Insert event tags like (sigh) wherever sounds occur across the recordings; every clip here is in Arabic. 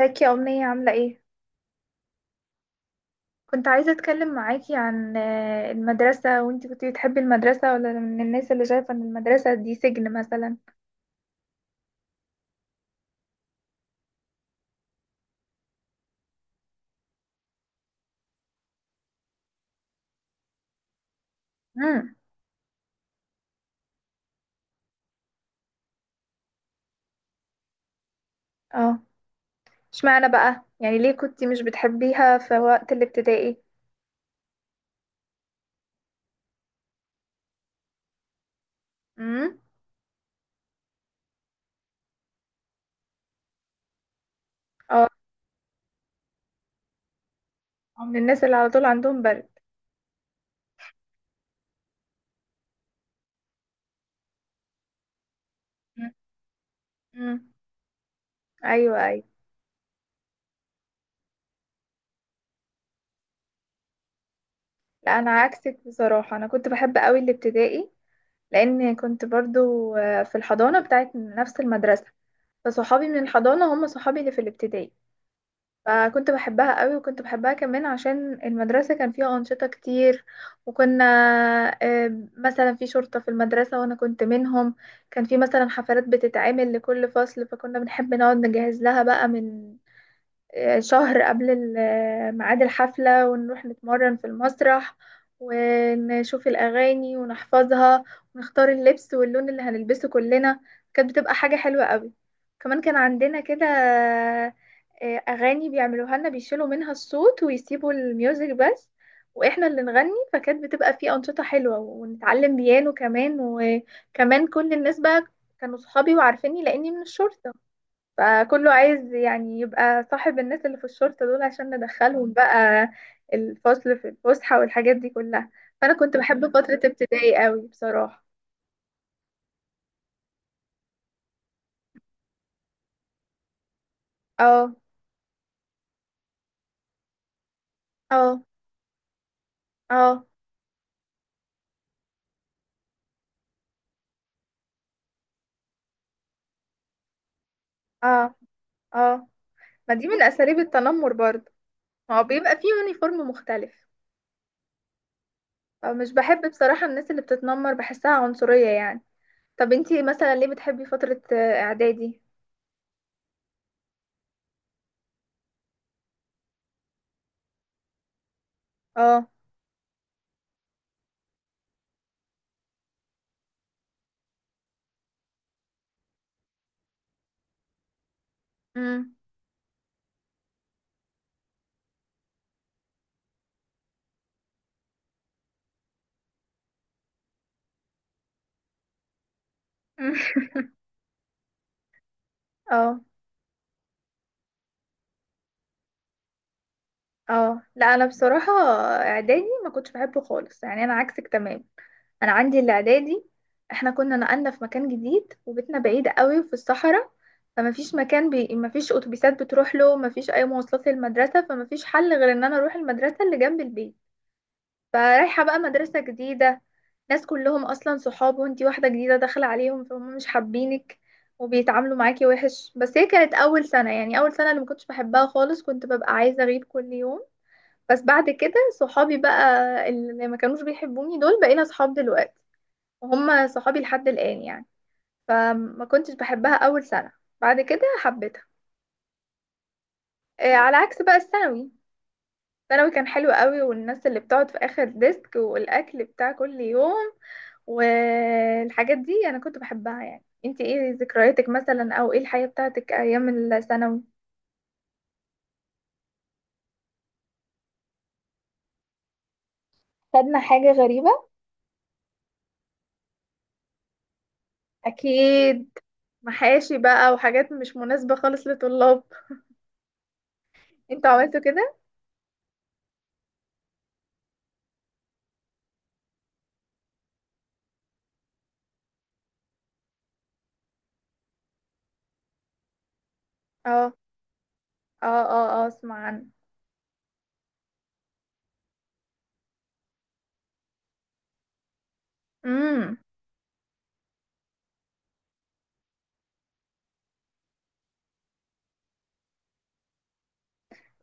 ازيك يا أمنية، عاملة ايه؟ كنت عايزة اتكلم معاكي عن المدرسة، وانتي كنتي بتحبي المدرسة، ولا من الناس اللي شايفة ان المدرسة دي سجن مثلا؟ امم. اه. اشمعنى بقى؟ يعني ليه كنتي مش بتحبيها في وقت الابتدائي؟ امم. اه. من الناس اللي على طول عندهم برد. امم. ايوه، ايوه. لا، انا عكسك بصراحة، انا كنت بحب قوي الابتدائي، لان كنت برضو في الحضانة بتاعت نفس المدرسة، فصحابي من الحضانة هم صحابي اللي في الابتدائي. فكنت بحبها قوي، وكنت بحبها كمان عشان المدرسة كان فيها أنشطة كتير. وكنا مثلا في شرطة في المدرسة وأنا كنت منهم. كان في مثلا حفلات بتتعمل لكل فصل، فكنا بنحب نقعد نجهز لها بقى من شهر قبل ميعاد الحفلة، ونروح نتمرن في المسرح، ونشوف الأغاني ونحفظها، ونختار اللبس واللون اللي هنلبسه كلنا. كانت بتبقى حاجة حلوة قوي. كمان كان عندنا كده أغاني بيعملوها لنا، بيشيلوا منها الصوت ويسيبوا الميوزك بس، واحنا اللي نغني. فكانت بتبقى في أنشطة حلوة، ونتعلم بيانو كمان. وكمان كل الناس بقى كانوا صحابي وعارفيني لأني من الشرطة، فكله عايز يعني يبقى صاحب الناس اللي في الشرطة دول عشان ندخلهم بقى الفصل في الفسحة والحاجات دي كلها. فأنا كنت بحب فترة ابتدائي قوي بصراحة. اه، اه، اه، اه، اه. ما دي من أساليب التنمر برضه. ما هو بيبقى فيه يونيفورم مختلف. فمش بحب بصراحة الناس اللي بتتنمر، بحسها عنصرية يعني. طب انتي مثلا ليه بتحبي فترة إعدادي؟ اه. امم. (laughs) اه. اه. لا، انا بصراحه اعدادي ما كنتش بحبه خالص، يعني انا عكسك تمام. انا عندي الاعدادي، احنا كنا نقلنا في مكان جديد، وبيتنا بعيد قوي في الصحراء، فما فيش مكان، ما فيش اتوبيسات بتروح له، ما فيش اي مواصلات للمدرسه، فما فيش حل غير ان انا اروح المدرسه اللي جنب البيت. فرايحه بقى مدرسه جديده، ناس كلهم اصلا صحاب، وانتي واحده جديده داخله عليهم، فهم مش حابينك وبيتعاملوا معاكي وحش. بس هي كانت اول سنه، يعني اول سنه اللي ما كنتش بحبها خالص، كنت ببقى عايزه اغيب كل يوم. بس بعد كده، صحابي بقى اللي ما كانوش بيحبوني دول بقينا صحاب دلوقتي، وهم صحابي لحد الآن يعني. فما كنتش بحبها أول سنة، بعد كده حبيتها. على عكس بقى الثانوي. الثانوي كان حلو قوي، والناس اللي بتقعد في آخر ديسك، والأكل بتاع كل يوم، والحاجات دي أنا كنت بحبها. يعني انتي ايه ذكرياتك مثلا، او ايه الحياة بتاعتك ايام الثانوي؟ خدنا حاجة غريبة، اكيد. محاشي بقى وحاجات مش مناسبة خالص لطلاب. انتوا عملتوا كده؟ اه، اه، اه، اه، اسمع عنه. امم.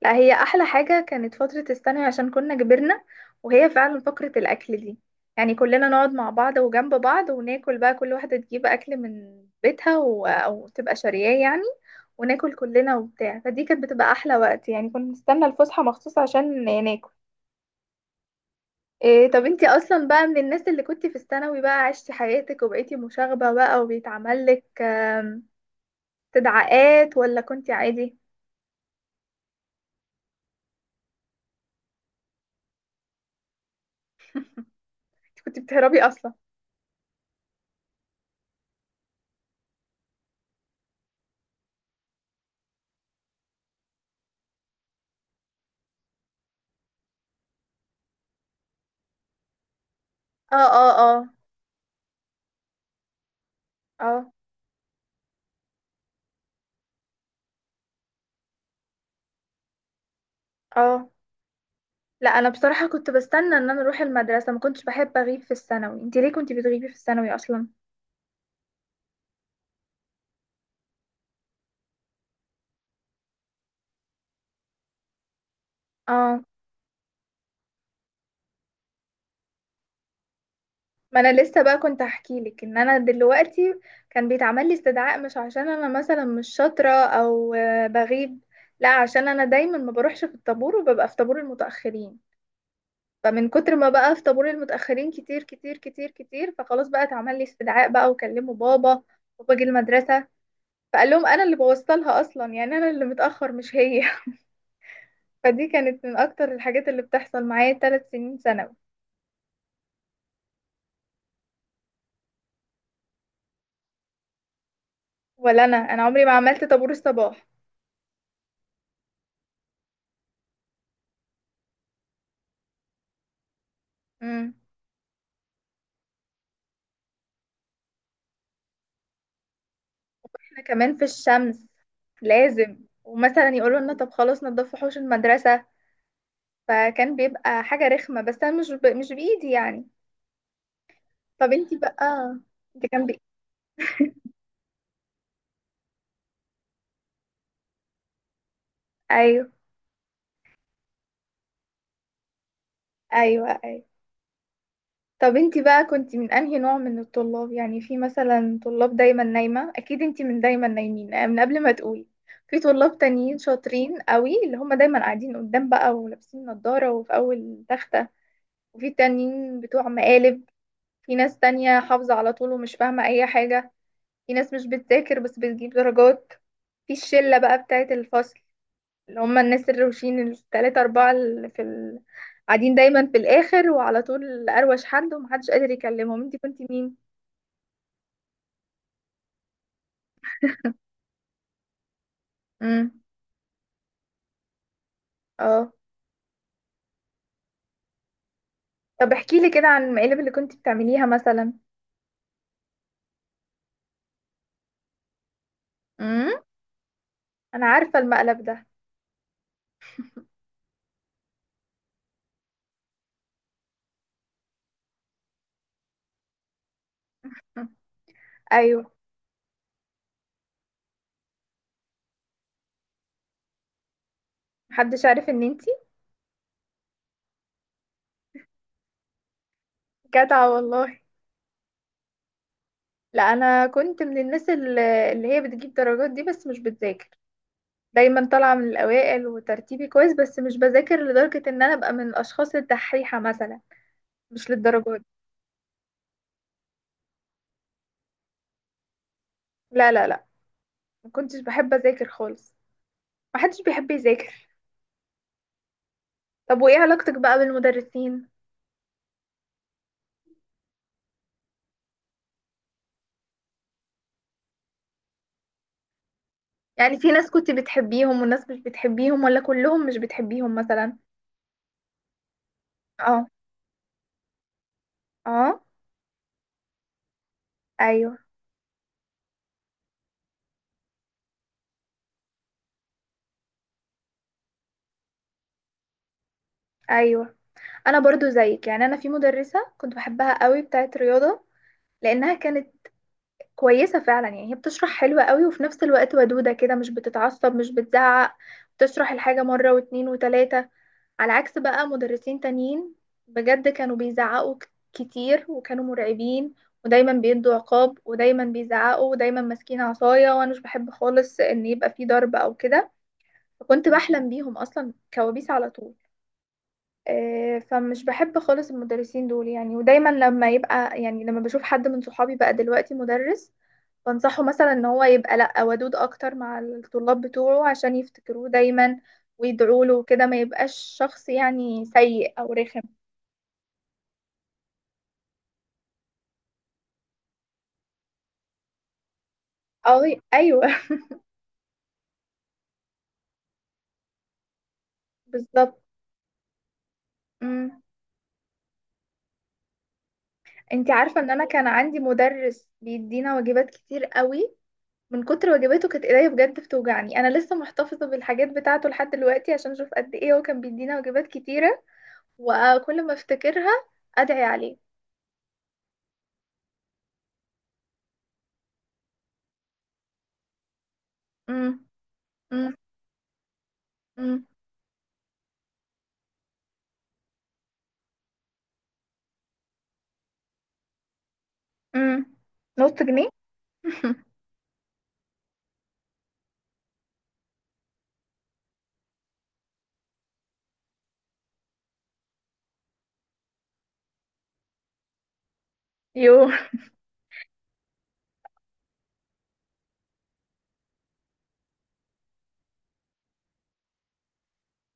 لا، هي احلى حاجه كانت فتره الثانوي عشان كنا كبرنا، وهي فعلا فقره الاكل دي، يعني كلنا نقعد مع بعض وجنب بعض وناكل بقى، كل واحده تجيب اكل من بيتها او تبقى شارياه يعني، وناكل كلنا وبتاع. فدي كانت بتبقى احلى وقت، يعني كنا نستنى الفسحه مخصوص عشان ناكل. إيه طب انتي اصلا بقى من الناس اللي كنتي في الثانوي بقى عشتي حياتك وبقيتي مشاغبه بقى، وبيتعمل لك تدعيقات، ولا كنتي عادي؟ انتي كنتي بتهربي اصلا؟ اه، اه، اه، اه، اه. لا، انا بصراحة كنت بستنى ان انا اروح المدرسة، ما كنتش بحب اغيب في الثانوي. انتي ليه كنتي بتغيبي في الثانوي اصلا؟ اه. ما انا لسه بقى كنت احكي لك ان انا دلوقتي كان بيتعمل لي استدعاء، مش عشان انا مثلا مش شاطرة او بغيب، لا، عشان انا دايما ما بروحش في الطابور وببقى في طابور المتأخرين، فمن كتر ما بقى في طابور المتأخرين كتير كتير كتير كتير، فخلاص بقى اتعمل لي استدعاء بقى وكلموا بابا، وباجي المدرسة، فقال لهم انا اللي بوظت لها اصلا، يعني انا اللي متاخر مش هي. (laughs) فدي كانت من اكتر الحاجات اللي بتحصل معايا 3 سنين ثانوي. ولا انا عمري ما عملت طابور الصباح. امم. احنا كمان في الشمس، لازم. ومثلا يقولوا لنا طب خلاص نضفوا حوش المدرسه، فكان بيبقى حاجه رخمه، بس انا مش مش بايدي يعني. طب انتي بقى، انت كان ايوه، ايوه، ايوه. طب انتي بقى كنتي من انهي نوع من الطلاب؟ يعني في مثلا طلاب دايما نايمة، اكيد انتي من دايما نايمين من قبل ما تقولي. في طلاب تانيين شاطرين قوي، اللي هم دايما قاعدين قدام بقى، ولابسين نظارة، وفي اول تختة. وفي تانيين بتوع مقالب. في ناس تانية حافظة على طول ومش فاهمة اي حاجة. في ناس مش بتذاكر بس بتجيب درجات. في الشلة بقى بتاعت الفصل، اللي هم الناس الروشين التلاتة أربعة اللي في قاعدين دايما في الآخر، وعلى طول أروش حد ومحدش قادر يكلمهم. انتي كنتي مين؟ امم. اه. طب احكي لي كده عن المقالب اللي كنتي بتعمليها مثلا. امم. أنا عارفة المقلب ده. مم. أيوه. محدش عارف إن انتي. جدعة والله. لا، أنا كنت من الناس اللي هي بتجيب درجات دي بس مش بتذاكر، دايما طالعة من الأوائل، وترتيبي كويس، بس مش بذاكر لدرجة إن أنا أبقى من الأشخاص الدحيحة مثلا، مش للدرجات دي. لا، لا، لا، ما كنتش بحب اذاكر خالص، ما حدش بيحب يذاكر. طب وايه علاقتك بقى بالمدرسين؟ يعني في ناس كنت بتحبيهم وناس مش بتحبيهم، ولا كلهم مش بتحبيهم مثلا؟ اه. اه. ايوه، ايوه. انا برضو زيك، يعني انا في مدرسة كنت بحبها قوي، بتاعت رياضة، لانها كانت كويسة فعلا، يعني هي بتشرح حلوة قوي، وفي نفس الوقت ودودة كده، مش بتتعصب مش بتزعق، بتشرح الحاجة مرة واتنين وتلاتة. على عكس بقى مدرسين تانيين، بجد كانوا بيزعقوا كتير، وكانوا مرعبين، ودايما بيدوا عقاب، ودايما بيزعقوا، ودايما ماسكين عصاية، وانا مش بحب خالص ان يبقى في ضرب او كده، فكنت بحلم بيهم اصلا كوابيس على طول. فمش بحب خالص المدرسين دول يعني، ودايما لما يبقى يعني لما بشوف حد من صحابي بقى دلوقتي مدرس، بنصحه مثلا ان هو يبقى، لا، ودود اكتر مع الطلاب بتوعه عشان يفتكروه دايما ويدعوا له وكده، ما يبقاش شخص يعني سيء او رخم. او ايوه. (laughs) بالظبط. امم. انتي عارفه ان انا كان عندي مدرس بيدينا واجبات كتير قوي، من كتر واجباته كانت ايديا بجد بتوجعني، انا لسه محتفظه بالحاجات بتاعته لحد دلوقتي عشان اشوف قد ايه هو كان بيدينا واجبات كتيره، وكل ما افتكرها ادعي عليه. امم. امم. امم. امم. نص جنيه. (laughs) يو.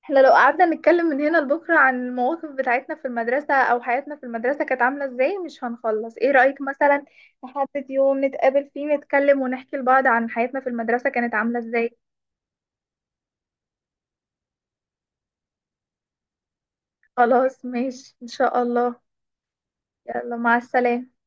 احنا لو قعدنا نتكلم من هنا لبكرة عن المواقف بتاعتنا في المدرسة، او حياتنا في المدرسة كانت عاملة ازاي، مش هنخلص. ايه رأيك مثلا نحدد يوم نتقابل فيه، نتكلم ونحكي لبعض عن حياتنا في المدرسة كانت عاملة ازاي؟ خلاص، ماشي، ان شاء الله. يلا مع السلامة.